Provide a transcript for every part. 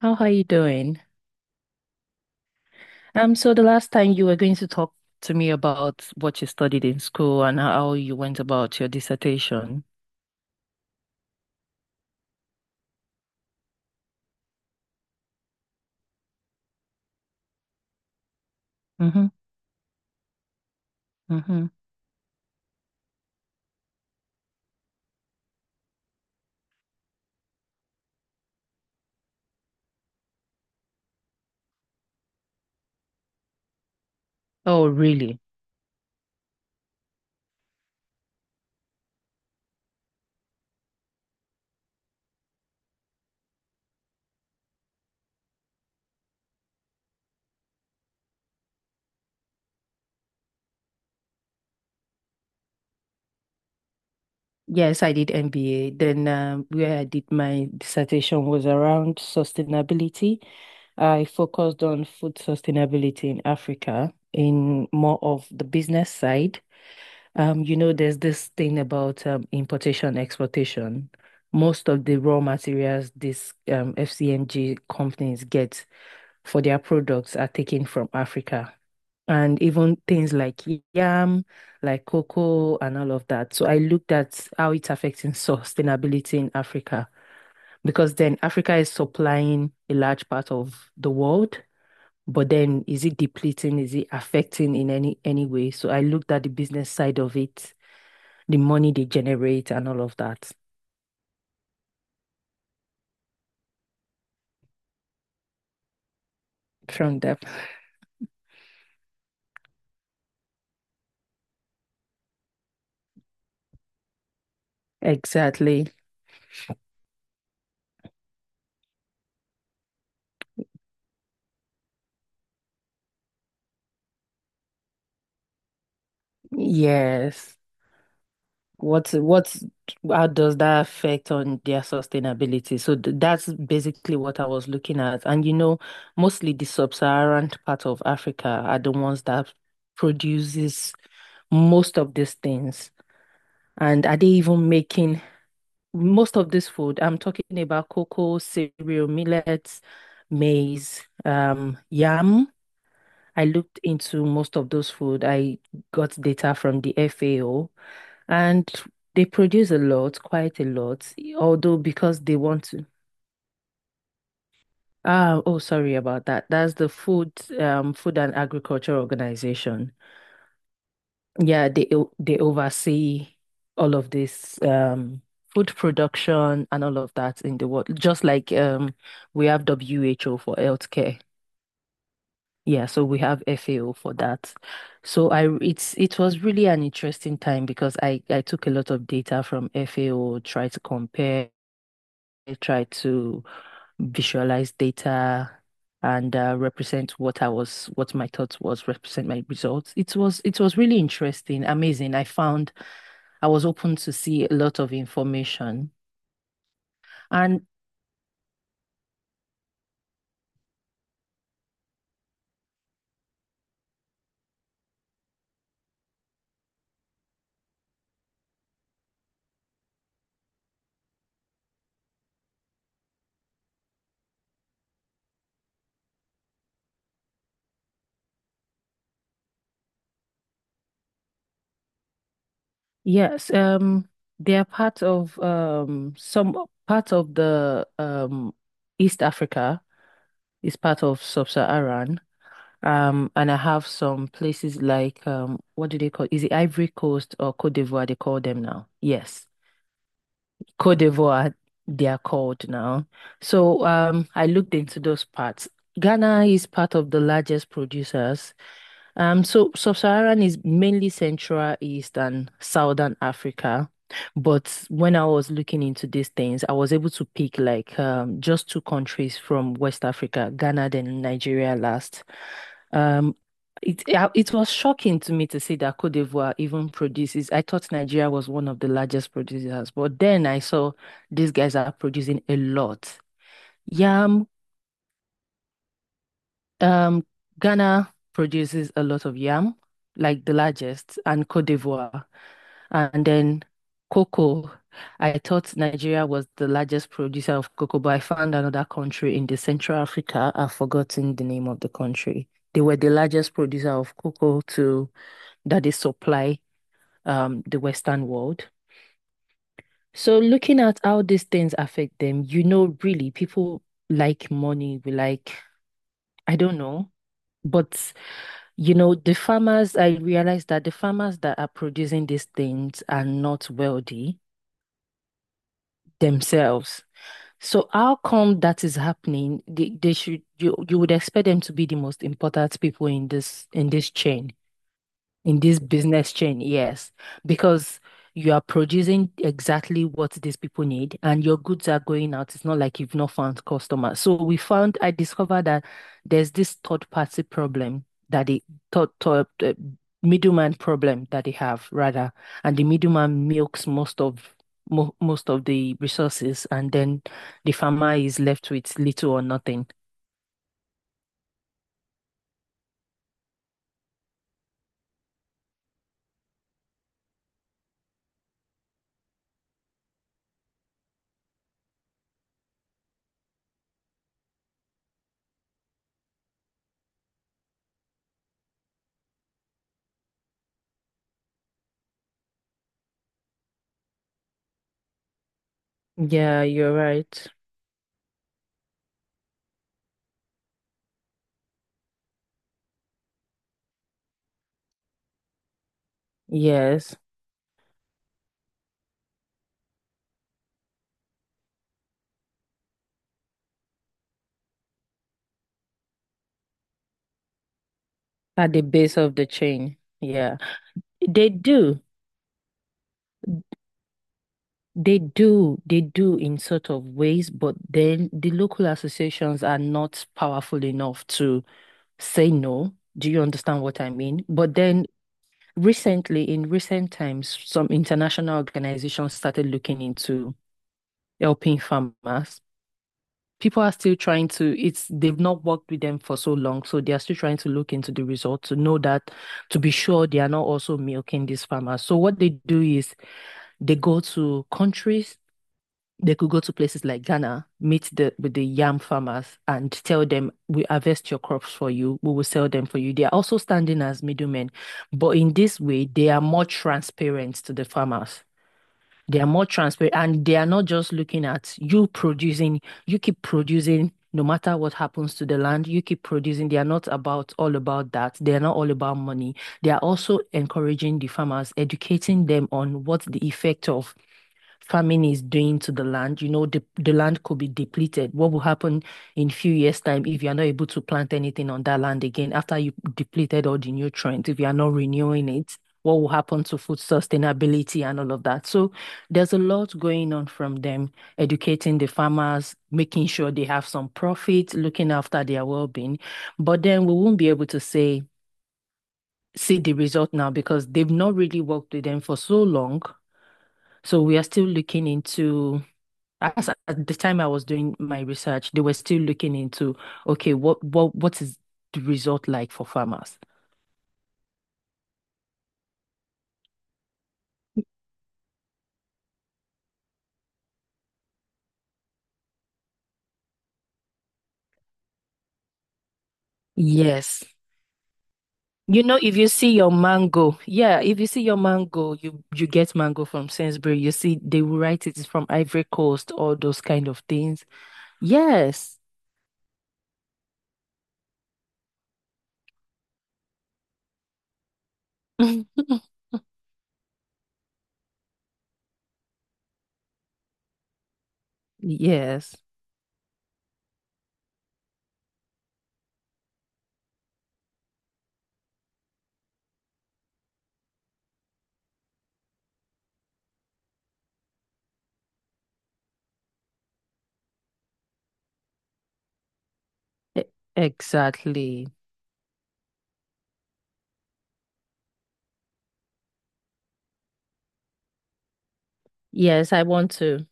How are you doing? So the last time you were going to talk to me about what you studied in school and how you went about your dissertation. Mm-hmm. Mm-hmm. Oh, really? Yes, I did MBA. Then where I did my dissertation was around sustainability. I focused on food sustainability in Africa in more of the business side. There's this thing about importation, exportation. Most of the raw materials these FCMG companies get for their products are taken from Africa. And even things like yam, like cocoa, and all of that. So I looked at how it's affecting sustainability in Africa because then Africa is supplying a large part of the world, but then is it depleting? Is it affecting in any way? So I looked at the business side of it, the money they generate and all of that from them. Exactly. Yes. What's how does that affect on their sustainability? So th that's basically what I was looking at. And you know, mostly the sub-Saharan part of Africa are the ones that produces most of these things. And are they even making most of this food? I'm talking about cocoa, cereal, millets, maize, yam. I looked into most of those food. I got data from the FAO, and they produce a lot, quite a lot, although because they want to. Ah, oh, sorry about that. That's the Food, Food and Agriculture Organization. Yeah, they oversee all of this, food production and all of that in the world. Just like we have WHO for healthcare. Yeah, so we have FAO for that. So I r- it's it was really an interesting time because I took a lot of data from FAO, tried to compare, tried to visualize data and represent what I was what my thoughts was, represent my results. It was really interesting, amazing. I found I was open to see a lot of information. And yes, they are part of some part of the East Africa is part of Sub-Saharan. And I have some places like what do they call? Is it Ivory Coast or Côte d'Ivoire? They call them now. Yes, Côte d'Ivoire. They are called now. So I looked into those parts. Ghana is part of the largest producers. So Sub-Saharan is mainly Central, East, and Southern Africa. But when I was looking into these things, I was able to pick like just two countries from West Africa, Ghana, then Nigeria last. Um, it was shocking to me to see that Côte d'Ivoire even produces. I thought Nigeria was one of the largest producers, but then I saw these guys are producing a lot. Yam, um, Ghana produces a lot of yam, like the largest, and Côte d'Ivoire, and then cocoa. I thought Nigeria was the largest producer of cocoa, but I found another country in the Central Africa. I've forgotten the name of the country. They were the largest producer of cocoa to that they supply the Western world. So looking at how these things affect them, you know, really people like money, we like, I don't know. But you know, the farmers, I realize that the farmers that are producing these things are not wealthy themselves. So how come that is happening? They should, you would expect them to be the most important people in this chain. In this business chain, yes, because you are producing exactly what these people need and your goods are going out. It's not like you've not found customers. So we found, I discovered that there's this third party problem that the third, third, uh, middleman problem that they have rather, and the middleman milks most of the resources, and then the farmer is left with little or nothing. Yeah, you're right. Yes, at the base of the chain. Yeah. They do, they do in sort of ways, but then the local associations are not powerful enough to say no. Do you understand what I mean? But then recently, in recent times, some international organizations started looking into helping farmers. People are still trying to, it's they've not worked with them for so long, so they are still trying to look into the results to know that, to be sure they are not also milking these farmers. So what they do is they go to countries. They could go to places like Ghana, meet the with the yam farmers and tell them, we harvest your crops for you, we will sell them for you. They are also standing as middlemen, but in this way, they are more transparent to the farmers. They are more transparent and they are not just looking at you producing, you keep producing no matter what happens to the land, you keep producing. They are not about all about that. They are not all about money. They are also encouraging the farmers, educating them on what the effect of farming is doing to the land. You know, the land could be depleted. What will happen in a few years' time if you are not able to plant anything on that land again after you depleted all the nutrients, if you are not renewing it? What will happen to food sustainability and all of that? So there's a lot going on from them, educating the farmers, making sure they have some profit, looking after their well-being. But then we won't be able to say, see the result now because they've not really worked with them for so long. So we are still looking into as at the time I was doing my research, they were still looking into, okay, what is the result like for farmers? Yes. You know, if you see your mango, yeah, if you see your mango, you get mango from Sainsbury. You see, they will write it is from Ivory Coast, all those kind of things. Yes. Yes. E- Exactly. Yes, I want to.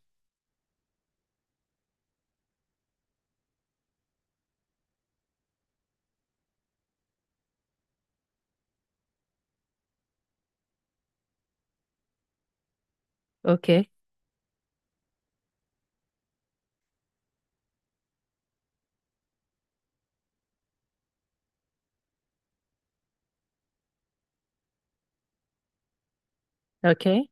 Okay. Okay.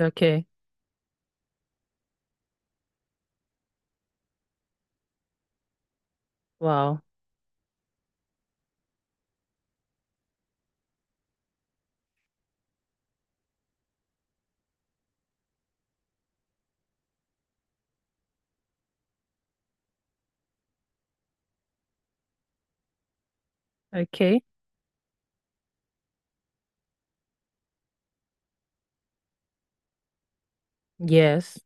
Okay. Wow. Okay. Yes.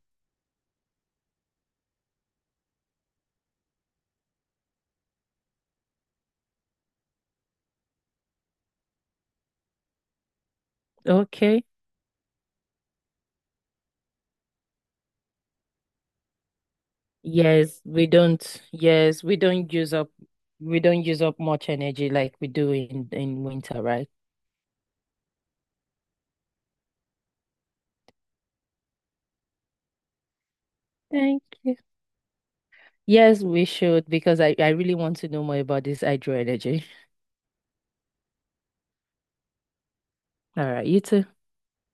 Okay. Yes, we don't. Yes, we don't use up much energy like we do in winter, right? Thank you. Yes, we should because I really want to know more about this hydro energy. All right, you too.